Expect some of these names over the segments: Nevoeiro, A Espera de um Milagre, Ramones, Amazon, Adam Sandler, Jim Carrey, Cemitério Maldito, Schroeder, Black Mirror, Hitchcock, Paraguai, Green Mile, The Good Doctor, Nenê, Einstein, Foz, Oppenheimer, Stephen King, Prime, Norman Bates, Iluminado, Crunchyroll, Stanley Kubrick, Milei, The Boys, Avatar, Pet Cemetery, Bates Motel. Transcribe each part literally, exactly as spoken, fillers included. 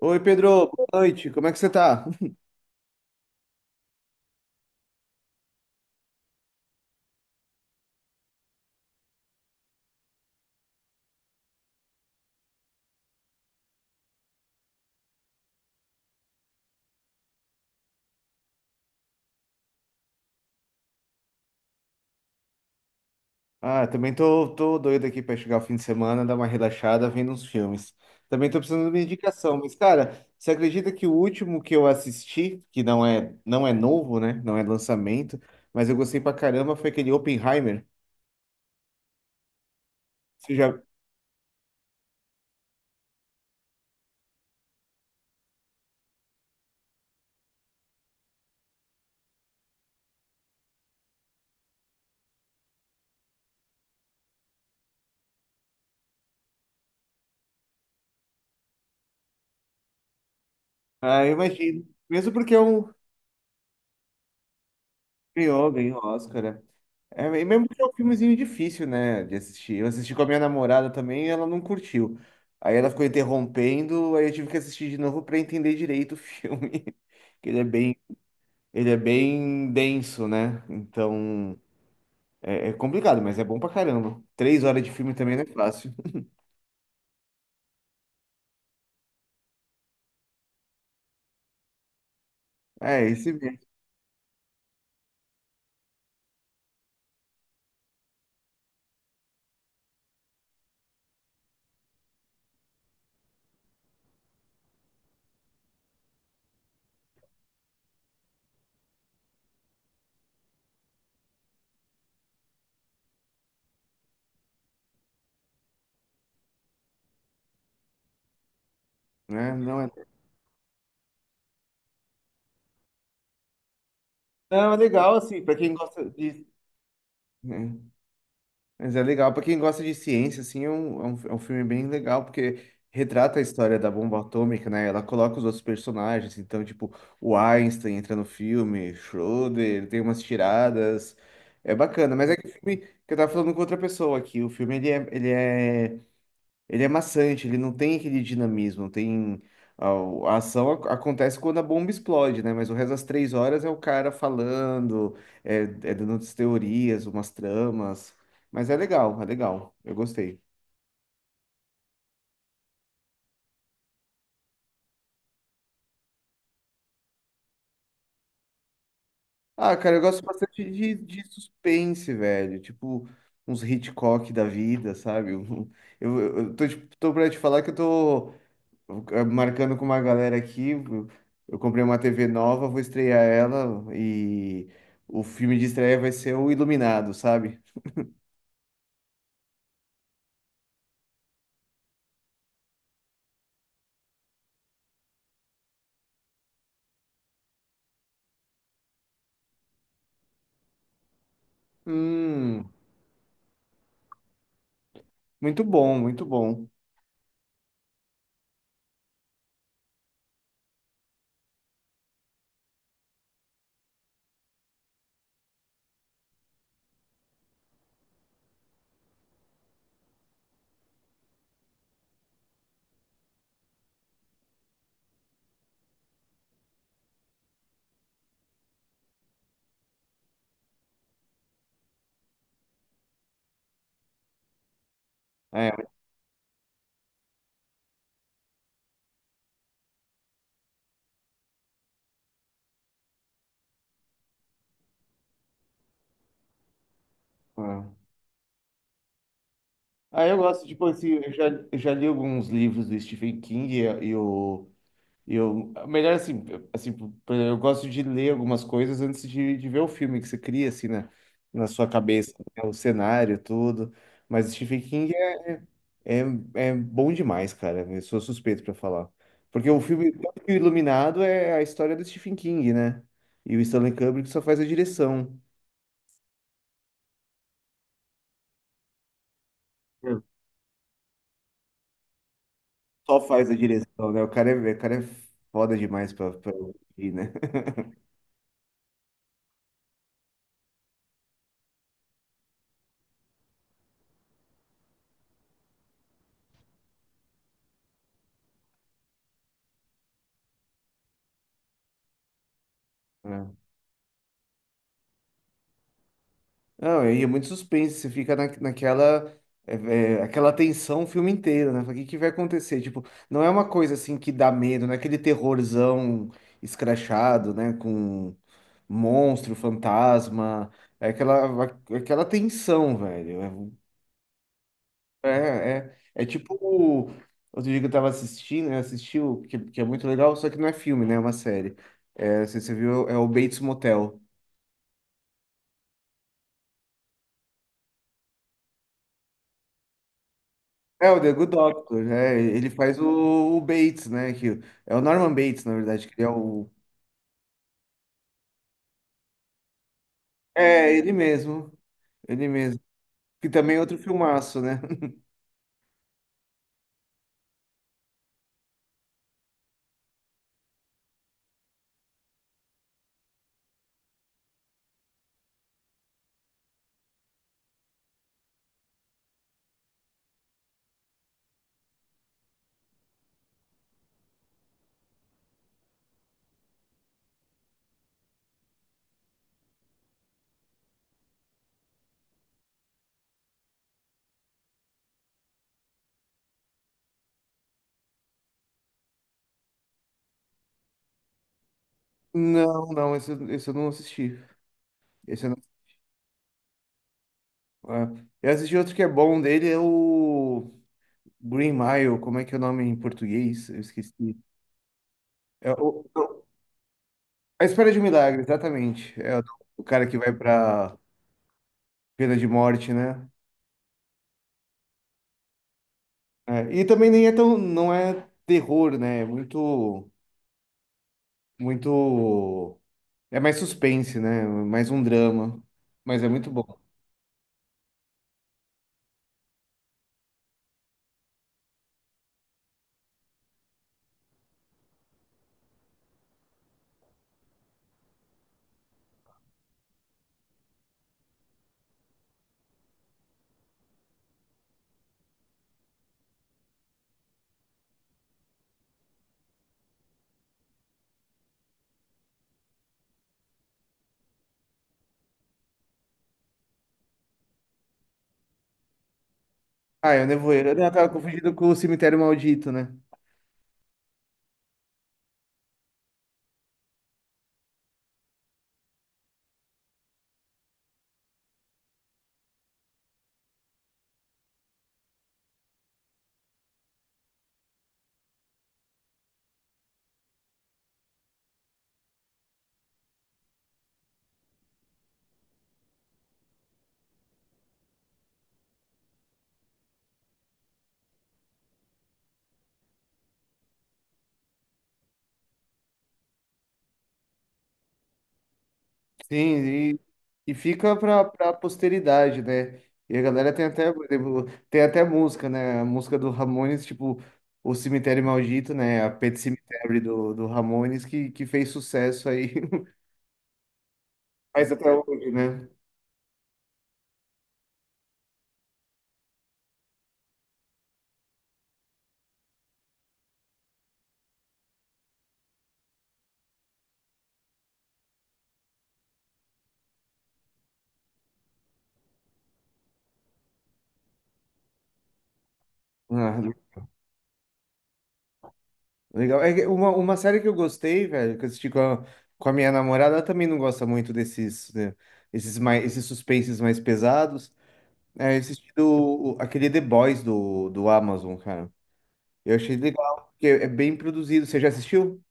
Oi, Pedro, boa noite. Como é que você tá? Ah, também tô, tô doido aqui pra chegar o fim de semana, dar uma relaxada vendo uns filmes. Também tô precisando de uma indicação, mas cara, você acredita que o último que eu assisti, que não é, não é novo, né? Não é lançamento, mas eu gostei pra caramba, foi aquele Oppenheimer. Você já... Ah, eu imagino. Mesmo porque é um... ganhou, ganhou Oscar, né? É, e mesmo que é um filmezinho difícil, né, de assistir. Eu assisti com a minha namorada também e ela não curtiu. Aí ela ficou interrompendo, aí eu tive que assistir de novo pra entender direito o filme. Que ele é bem, ele é bem denso, né? Então é, é complicado, mas é bom pra caramba. Três horas de filme também não é fácil. É, esse mesmo, né? Não é, não, é legal, assim, pra quem gosta de. Né? Mas é legal. Pra quem gosta de ciência, assim, é um, é um, é um filme bem legal, porque retrata a história da bomba atômica, né? Ela coloca os outros personagens. Então, tipo, o Einstein entra no filme, Schroeder, tem umas tiradas. É bacana. Mas é que o filme que eu tava falando com outra pessoa aqui. O filme, ele é, ele é ele é maçante, ele não tem aquele dinamismo, tem... A, a ação ac- acontece quando a bomba explode, né? Mas o resto das três horas é o cara falando, é, é dando umas teorias, umas tramas. Mas é legal, é legal. Eu gostei. Ah, cara, eu gosto bastante de, de suspense, velho. Tipo, uns Hitchcock da vida, sabe? Eu, eu, eu tô, tipo, tô pra te falar que eu tô Eh, marcando com uma galera aqui. Eu eu comprei uma T V nova, vou estrear ela e o filme de estreia vai ser o Iluminado, sabe? Hum, muito bom, muito bom. É, é. Ah, eu gosto, tipo assim, eu já, eu já li alguns livros do Stephen King e eu, e eu melhor assim, assim, por exemplo, eu gosto de ler algumas coisas antes de, de ver o filme que você cria, assim, né? Na sua cabeça, né, o cenário, tudo. Mas Stephen King é, é bom demais, cara. Eu sou suspeito pra falar. Porque o filme tanto que o Iluminado é a história do Stephen King, né? E o Stanley Kubrick só faz a direção. Hum. Só faz a direção, né? O cara é, o cara é foda demais pra, pra ir, né? Não, e é muito suspense, você fica na, naquela é, é, aquela tensão o filme inteiro, né? Fala, o que que vai acontecer? Tipo, não é uma coisa assim que dá medo, não é aquele terrorzão escrachado, né? Com monstro, fantasma, é aquela, aquela tensão, velho. É, um, é, é é tipo, o- outro dia que eu tava assistindo, eu assisti, o- que, que é muito legal, só que não é filme, né? É uma série. É, você, você viu, é o Bates Motel. É o The Good Doctor, é, ele faz o, o Bates, né? Que é o Norman Bates, na verdade, que ele é o. É, ele mesmo. Ele mesmo. Que também é outro filmaço, né? Não, não, esse, eu- esse eu não assisti. Esse eu não. É. Eu assisti outro que é bom dele, é o Green Mile, como é que é o nome em português? Eu esqueci. É o, é o- A Espera de um Milagre, exatamente. É o, o cara que vai pra pena de morte, né? É, e também nem é tão, não é terror, né? É muito. Muito. É mais suspense, né? Mais um drama. Mas é muito bom. Ah, é o Nevoeiro. Eu tava confundido com o Cemitério Maldito, né? Sim, e, e fica pra, pra posteridade, né? E a galera tem até, por exemplo, tem até música, né? A música do Ramones, tipo, o Cemitério Maldito, né? A Pet Cemetery do, do Ramones, que, que fez sucesso aí. Mas até hoje, né? Ah, legal. É que uma, uma série que eu gostei, velho, que eu assisti com a, com a minha namorada, ela também não gosta muito desses, né, esses mais, esses suspenses mais pesados. É, eu assisti do, o- aquele The Boys do, do Amazon, cara. Eu achei legal, porque é bem produzido. Você já assistiu?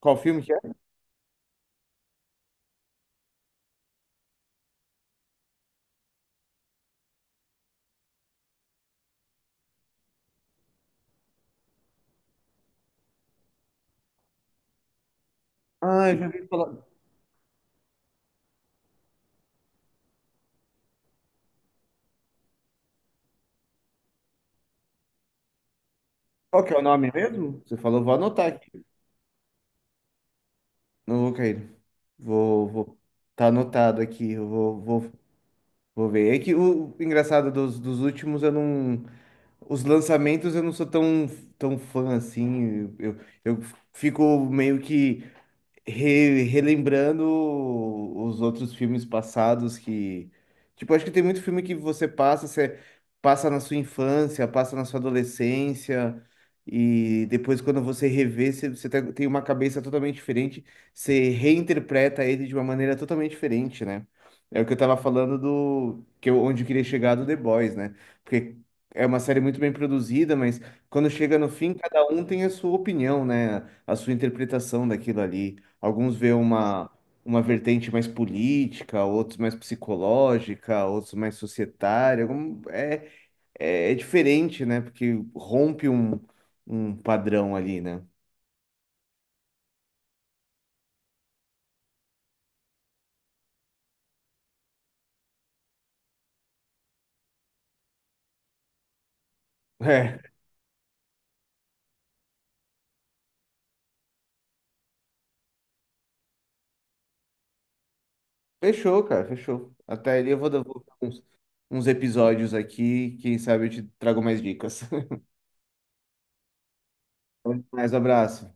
Qual filme que é? Ah, eu já ouvi falar. Qual que é o nome mesmo? Você falou, vou anotar aqui. Não vou cair. Vou, vou. Tá anotado aqui. Eu vou, vou, vou ver. É que o engraçado dos, dos últimos eu não. Os lançamentos eu não sou tão, tão fã assim. Eu, eu fico meio que re- relembrando os outros filmes passados que, tipo, acho que tem muito filme que você passa, você passa na sua infância, passa na sua adolescência, e depois quando você revê, você, você tem tem uma cabeça totalmente diferente, você reinterpreta ele de uma maneira totalmente diferente, né? É o que eu tava falando do que eu, onde eu queria chegar do The Boys, né? Porque é uma série muito bem produzida, mas quando chega no fim, cada um tem a sua opinião, né? A sua interpretação daquilo ali. Alguns vê uma, uma vertente mais política, outros mais psicológica, outros mais societária. Algum- É, é, é diferente, né? Porque rompe um, um padrão ali, né? É, fechou, cara, fechou. Até ali eu vou dar vou dar uns, uns episódios aqui, quem sabe eu te trago mais dicas. Mais abraço.